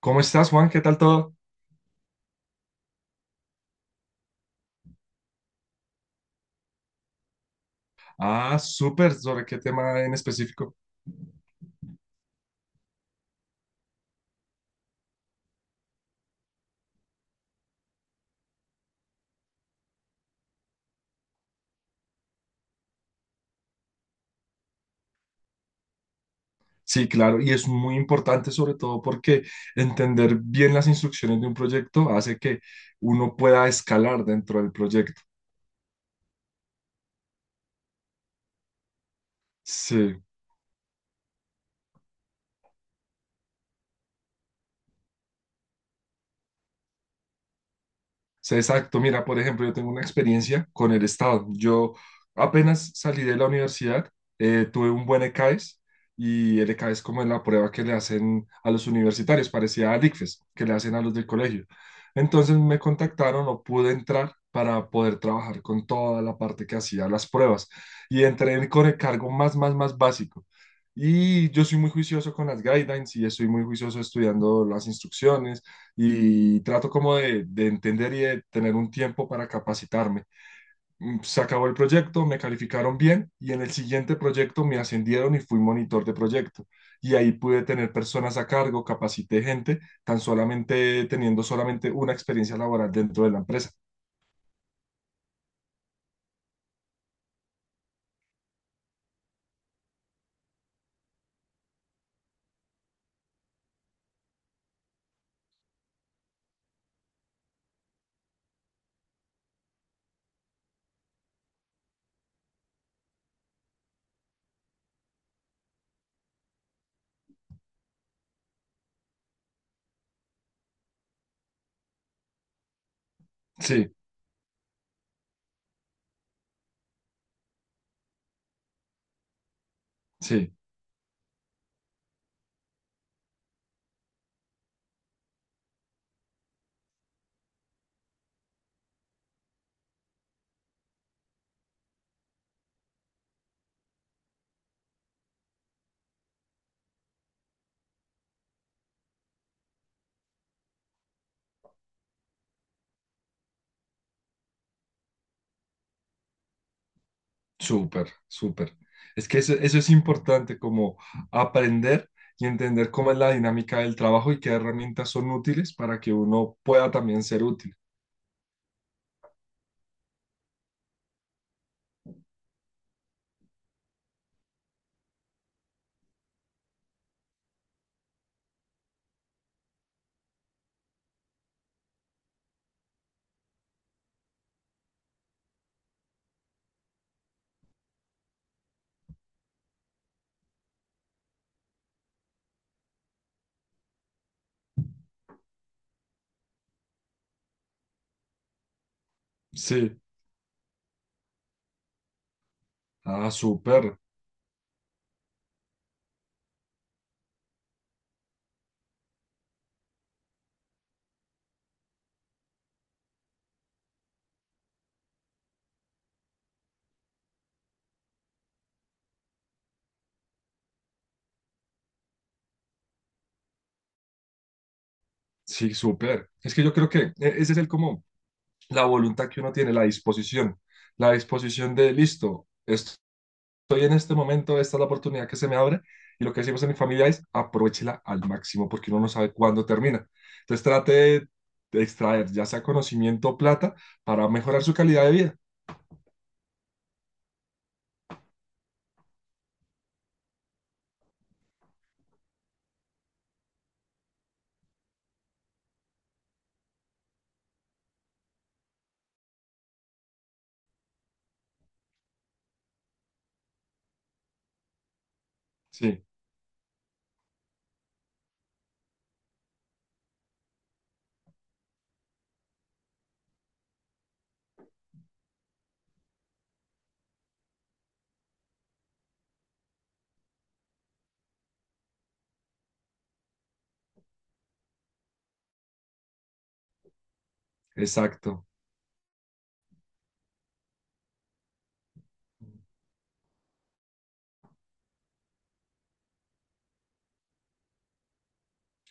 ¿Cómo estás, Juan? ¿Qué tal todo? Ah, súper. ¿Sobre qué tema en específico? Sí, claro, y es muy importante sobre todo porque entender bien las instrucciones de un proyecto hace que uno pueda escalar dentro del proyecto. Sí. Sí, exacto. Mira, por ejemplo, yo tengo una experiencia con el Estado. Yo apenas salí de la universidad, tuve un buen ECAES, y el ECAES, como es la prueba que le hacen a los universitarios, parecía al ICFES, que le hacen a los del colegio. Entonces me contactaron, no pude entrar para poder trabajar con toda la parte que hacía las pruebas y entré con el cargo más básico. Y yo soy muy juicioso con las guidelines y estoy muy juicioso estudiando las instrucciones y trato como de entender y de tener un tiempo para capacitarme. Se acabó el proyecto, me calificaron bien y en el siguiente proyecto me ascendieron y fui monitor de proyecto. Y ahí pude tener personas a cargo, capacité gente, tan solamente teniendo solamente una experiencia laboral dentro de la empresa. Sí, sí, súper, súper. Es que eso es importante, como aprender y entender cómo es la dinámica del trabajo y qué herramientas son útiles para que uno pueda también ser útil. Sí. Ah, súper, sí, súper. Es que yo creo que ese es el como la voluntad que uno tiene, la disposición de listo, estoy en este momento, esta es la oportunidad que se me abre y lo que decimos en mi familia es aprovechela al máximo porque uno no sabe cuándo termina. Entonces trate de extraer ya sea conocimiento o plata para mejorar su calidad de vida. Sí, exacto.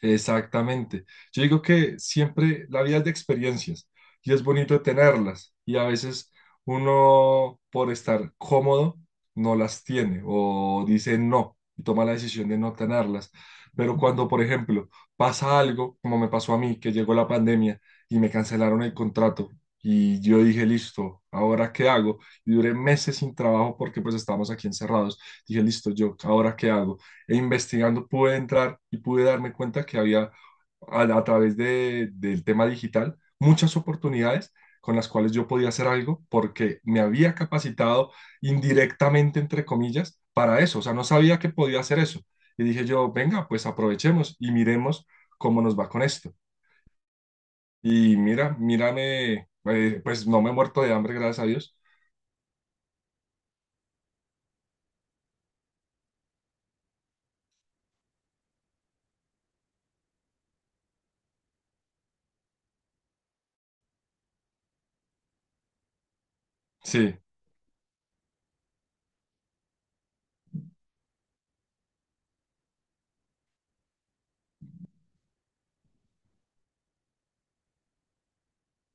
Exactamente. Yo digo que siempre la vida es de experiencias y es bonito tenerlas y a veces uno por estar cómodo no las tiene o dice no y toma la decisión de no tenerlas. Pero cuando, por ejemplo, pasa algo, como me pasó a mí, que llegó la pandemia y me cancelaron el contrato y yo dije, listo, ¿ahora qué hago? Y duré meses sin trabajo porque pues estábamos aquí encerrados. Dije, listo, yo, ¿ahora qué hago? E investigando pude entrar y pude darme cuenta que había a través del tema digital muchas oportunidades con las cuales yo podía hacer algo porque me había capacitado indirectamente, entre comillas, para eso. O sea, no sabía que podía hacer eso. Y dije yo, venga, pues aprovechemos y miremos cómo nos va con esto. Y mira, mírame, pues no me he muerto de hambre, gracias a Dios. Sí,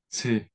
sí.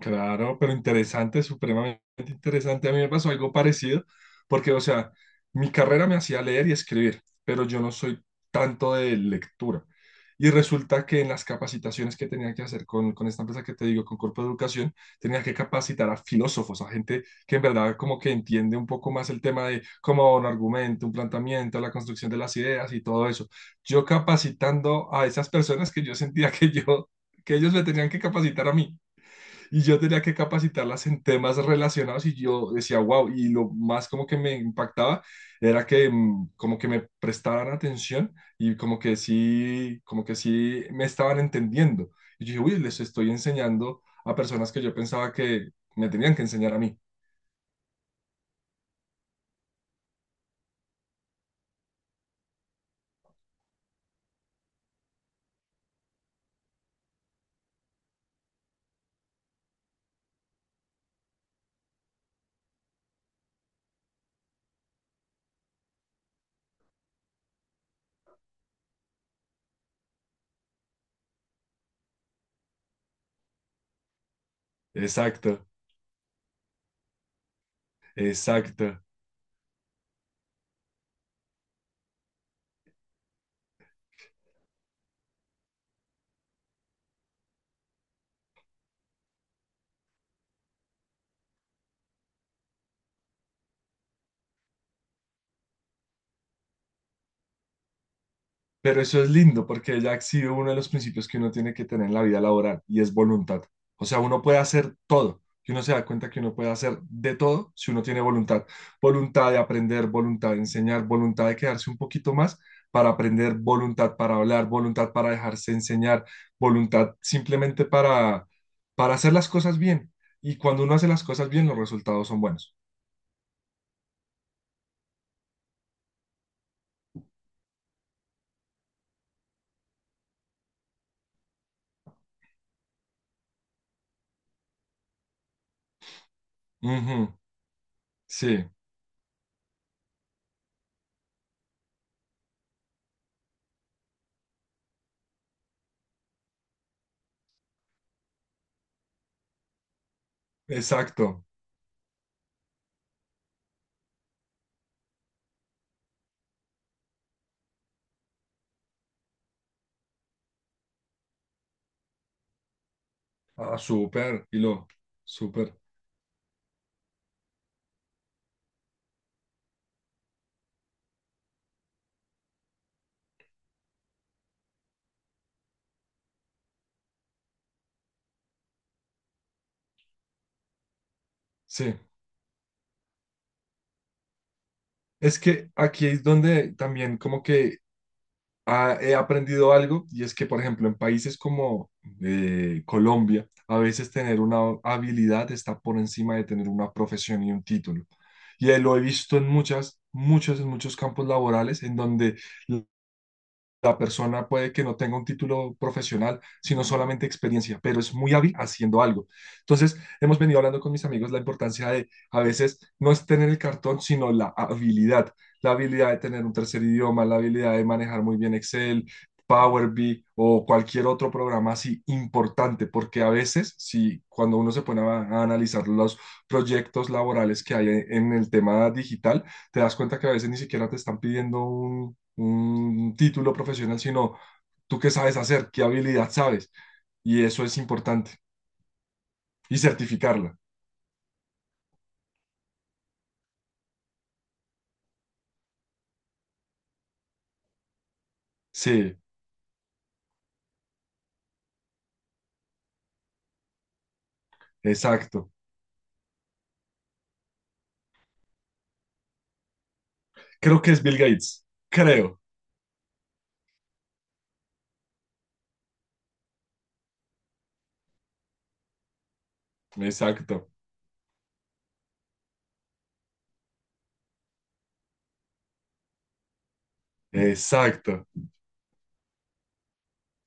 Claro, pero interesante, supremamente interesante. A mí me pasó algo parecido, porque, o sea, mi carrera me hacía leer y escribir, pero yo no soy tanto de lectura. Y resulta que en las capacitaciones que tenía que hacer con esta empresa que te digo, con Corpo de Educación, tenía que capacitar a filósofos, a gente que en verdad como que entiende un poco más el tema de cómo un argumento, un planteamiento, la construcción de las ideas y todo eso. Yo capacitando a esas personas que yo sentía que yo, que ellos me tenían que capacitar a mí. Y yo tenía que capacitarlas en temas relacionados y yo decía, wow, y lo más como que me impactaba era que como que me prestaban atención y como que sí me estaban entendiendo. Y yo dije, uy, les estoy enseñando a personas que yo pensaba que me tenían que enseñar a mí. Exacto, exacto. Pero eso es lindo porque ya ha sido uno de los principios que uno tiene que tener en la vida laboral y es voluntad. O sea, uno puede hacer todo y uno se da cuenta que uno puede hacer de todo si uno tiene voluntad. Voluntad de aprender, voluntad de enseñar, voluntad de quedarse un poquito más para aprender, voluntad para hablar, voluntad para dejarse enseñar, voluntad simplemente para hacer las cosas bien. Y cuando uno hace las cosas bien, los resultados son buenos. Ujú, sí, exacto. Ah, súper, y lo súper. Sí. Es que aquí es donde también como que he aprendido algo y es que, por ejemplo, en países como Colombia, a veces tener una habilidad está por encima de tener una profesión y un título. Y lo he visto en muchos campos laborales en donde la persona puede que no tenga un título profesional, sino solamente experiencia, pero es muy hábil haciendo algo. Entonces, hemos venido hablando con mis amigos la importancia de a veces no es tener el cartón, sino la habilidad de tener un tercer idioma, la habilidad de manejar muy bien Excel, Power BI o cualquier otro programa así importante, porque a veces, si cuando uno se pone a analizar los proyectos laborales que hay en el tema digital, te das cuenta que a veces ni siquiera te están pidiendo un título profesional, sino tú qué sabes hacer, qué habilidad sabes. Y eso es importante. Y certificarla. Sí, exacto. Creo que es Bill Gates. Creo. Exacto. Exacto.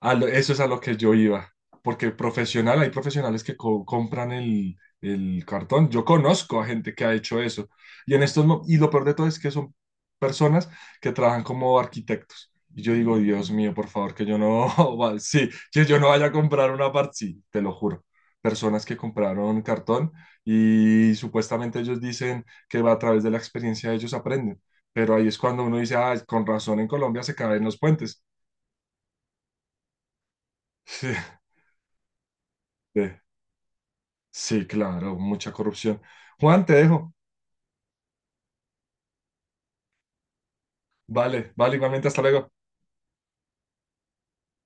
A lo- eso es a lo que yo iba, porque profesional, hay profesionales que compran el cartón. Yo conozco a gente que ha hecho eso. Y en estos, y lo peor de todo es que son personas que trabajan como arquitectos. Y yo digo, Dios mío, por favor, que yo no, va- sí, que yo no vaya a comprar una parte, sí, te lo juro. Personas que compraron cartón y supuestamente ellos dicen que va a través de la experiencia ellos aprenden. Pero ahí es cuando uno dice, ah, con razón en Colombia se caen los puentes. Sí. Sí, claro, mucha corrupción. Juan, te dejo. Vale, vale, igualmente, hasta luego.